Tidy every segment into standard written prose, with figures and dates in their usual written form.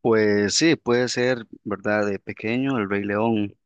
Pues sí, puede ser, ¿verdad? De pequeño, El Rey León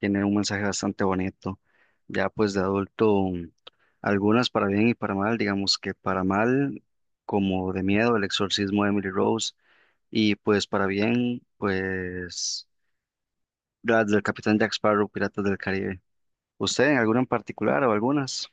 tiene un mensaje bastante bonito. Ya pues de adulto, algunas para bien y para mal, digamos que para mal, como de miedo, El exorcismo de Emily Rose, y pues para bien, pues las del Capitán Jack Sparrow, Piratas del Caribe. ¿Usted en alguna en particular o algunas?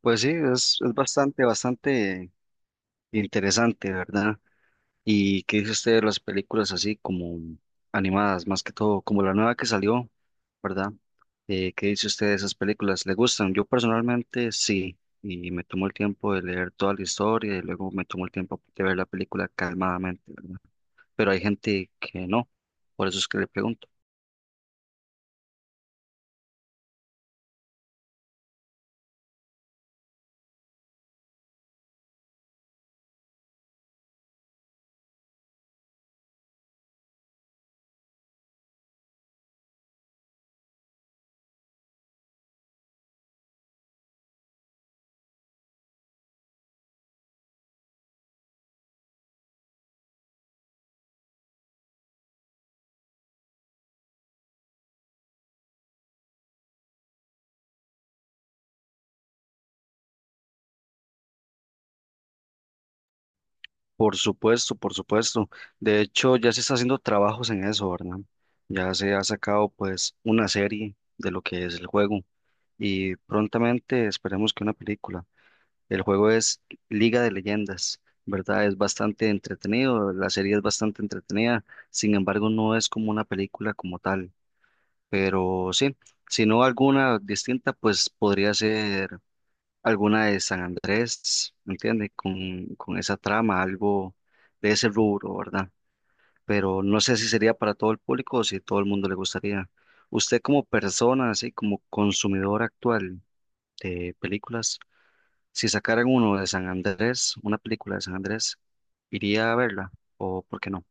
Pues sí, es bastante, bastante interesante, ¿verdad? ¿Y qué dice usted de las películas así como animadas, más que todo, como la nueva que salió, ¿verdad? ¿Qué dice usted de esas películas? ¿Le gustan? Yo personalmente sí, y me tomó el tiempo de leer toda la historia y luego me tomó el tiempo de ver la película calmadamente, ¿verdad? Pero hay gente que no, por eso es que le pregunto. Por supuesto, por supuesto. De hecho, ya se está haciendo trabajos en eso, ¿verdad? Ya se ha sacado pues una serie de lo que es el juego y prontamente esperemos que una película. El juego es Liga de Leyendas, ¿verdad? Es bastante entretenido, la serie es bastante entretenida, sin embargo no es como una película como tal, pero sí, si no alguna distinta, pues podría ser alguna de San Andrés, ¿entiende? Con esa trama, algo de ese rubro, ¿verdad? Pero no sé si sería para todo el público o si todo el mundo le gustaría. Usted como persona, así como consumidor actual de películas, si sacaran uno de San Andrés, una película de San Andrés, ¿iría a verla? ¿O por qué no?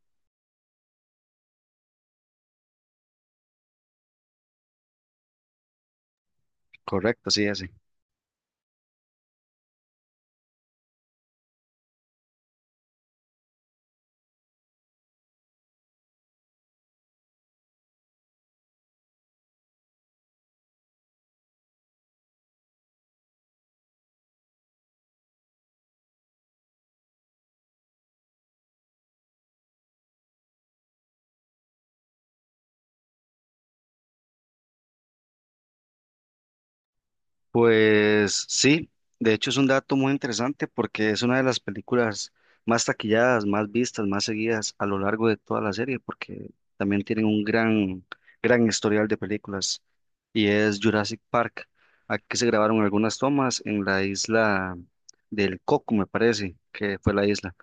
Correcto, sí, ese. Pues sí, de hecho es un dato muy interesante porque es una de las películas más taquilladas, más vistas, más seguidas a lo largo de toda la serie, porque también tienen un gran, gran historial de películas y es Jurassic Park. Aquí se grabaron algunas tomas en la isla del Coco, me parece, que fue la isla.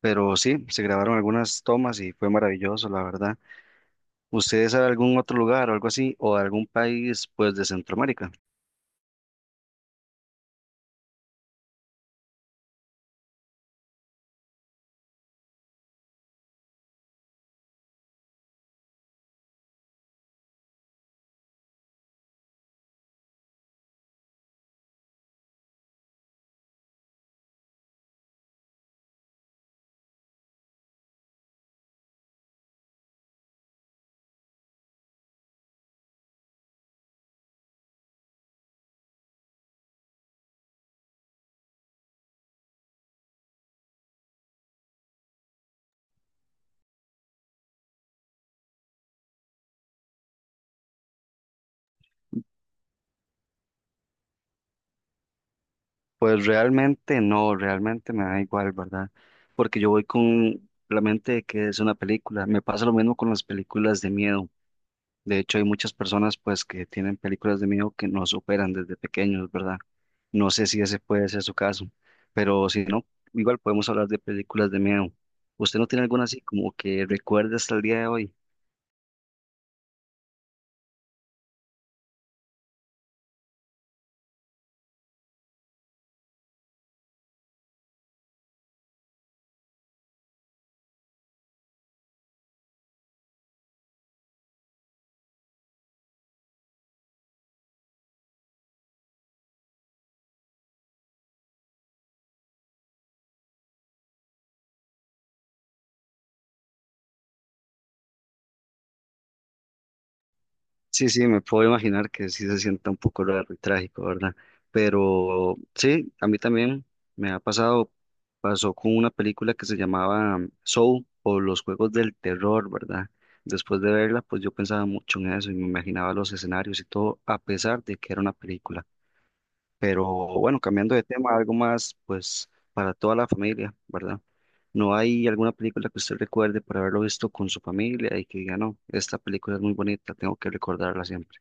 Pero sí, se grabaron algunas tomas y fue maravilloso, la verdad. ¿Ustedes saben algún otro lugar o algo así, o algún país, pues, de Centroamérica? Pues realmente no, realmente me da igual, ¿verdad? Porque yo voy con la mente de que es una película. Me pasa lo mismo con las películas de miedo. De hecho, hay muchas personas pues que tienen películas de miedo que no superan desde pequeños, ¿verdad? No sé si ese puede ser su caso, pero si no, igual podemos hablar de películas de miedo. ¿Usted no tiene alguna así como que recuerde hasta el día de hoy? Sí, sí, me puedo imaginar que sí se sienta un poco raro y trágico, ¿verdad? Pero sí, a mí también me ha pasado, pasó con una película que se llamaba Soul o Los Juegos del Terror, ¿verdad? Después de verla, pues yo pensaba mucho en eso y me imaginaba los escenarios y todo, a pesar de que era una película. Pero bueno, cambiando de tema, algo más, pues para toda la familia, ¿verdad? ¿No hay alguna película que usted recuerde por haberlo visto con su familia y que diga, no, esta película es muy bonita, tengo que recordarla siempre?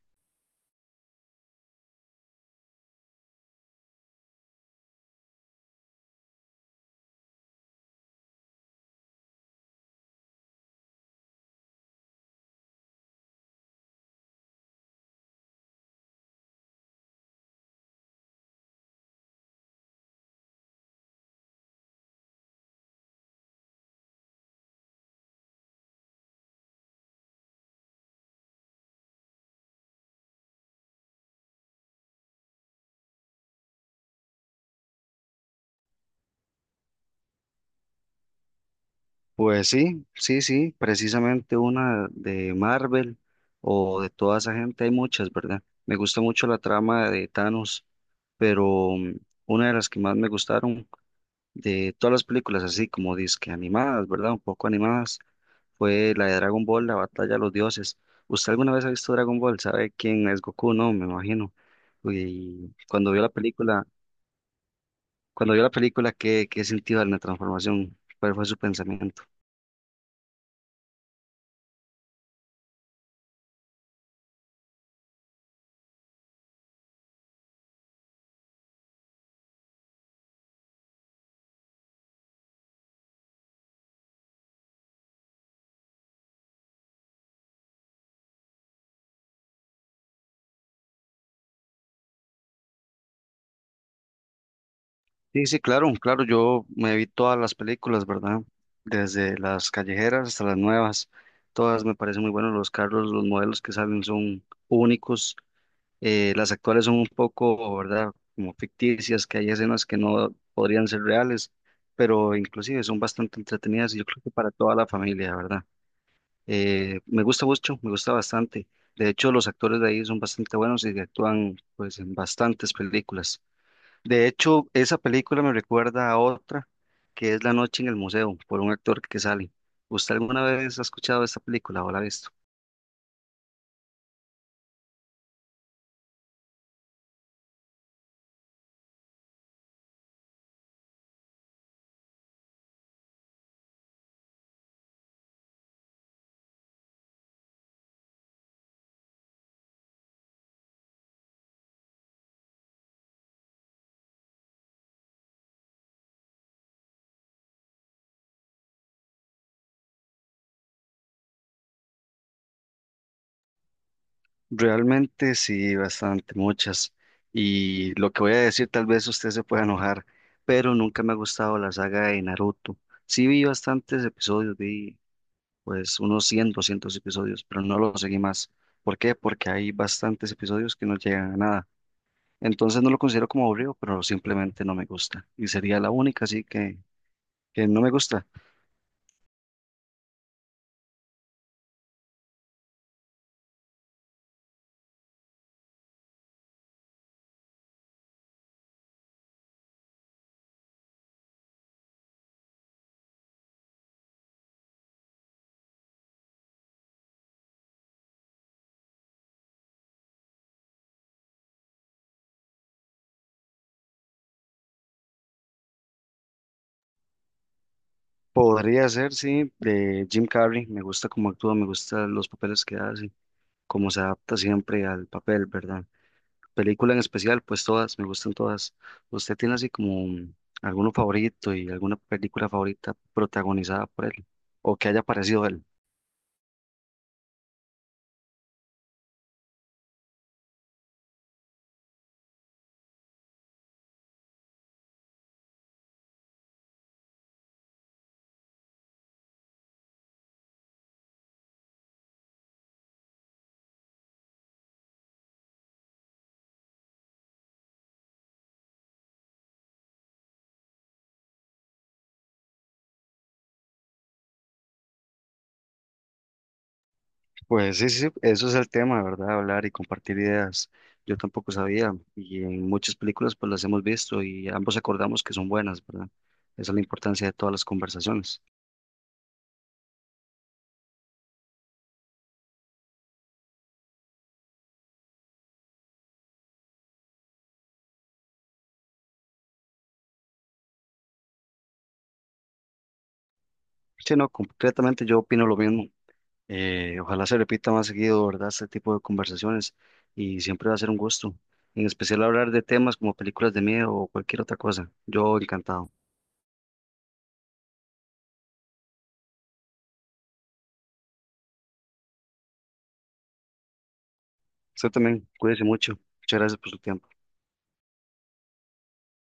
Pues sí, sí, sí, precisamente una de Marvel o de toda esa gente, hay muchas, ¿verdad? Me gusta mucho la trama de Thanos, pero una de las que más me gustaron de todas las películas, así como disque animadas, ¿verdad? Un poco animadas, fue la de Dragon Ball, la batalla de los dioses. ¿Usted alguna vez ha visto Dragon Ball? ¿Sabe quién es Goku? No, me imagino. Y cuando vio la película, cuando vio la película, ¿qué, qué sintió en la transformación? ¿Cuál fue su pensamiento? Sí, sí, claro, claro, yo me vi todas las películas, ¿verdad? Desde las callejeras hasta las nuevas, todas me parecen muy buenos los carros, los modelos que salen son únicos, las actuales son un poco, ¿verdad? Como ficticias, que hay escenas que no podrían ser reales, pero inclusive son bastante entretenidas y yo creo que para toda la familia, ¿verdad? Me gusta mucho, me gusta bastante. De hecho, los actores de ahí son bastante buenos y actúan pues en bastantes películas. De hecho, esa película me recuerda a otra que es La noche en el museo, por un actor que sale. ¿Usted alguna vez ha escuchado esta película o la ha visto? Realmente sí, bastante, muchas. Y lo que voy a decir, tal vez usted se pueda enojar, pero nunca me ha gustado la saga de Naruto. Sí vi bastantes episodios, vi pues unos 100, 200 episodios, pero no lo seguí más. ¿Por qué? Porque hay bastantes episodios que no llegan a nada. Entonces no lo considero como aburrido, pero simplemente no me gusta. Y sería la única, así que no me gusta. Podría ser, sí, de Jim Carrey. Me gusta cómo actúa, me gustan los papeles que hace, cómo se adapta siempre al papel, ¿verdad? Película en especial, pues todas, me gustan todas. ¿Usted tiene así como alguno favorito y alguna película favorita protagonizada por él o que haya aparecido él? Pues sí, sí, eso es el tema, ¿verdad? Hablar y compartir ideas. Yo tampoco sabía y en muchas películas pues las hemos visto y ambos acordamos que son buenas, ¿verdad? Esa es la importancia de todas las conversaciones. Sí, no, concretamente yo opino lo mismo. Ojalá se repita más seguido, ¿verdad? Este tipo de conversaciones y siempre va a ser un gusto. En especial hablar de temas como películas de miedo o cualquier otra cosa. Yo encantado. Usted también, cuídese mucho. Muchas gracias por su tiempo.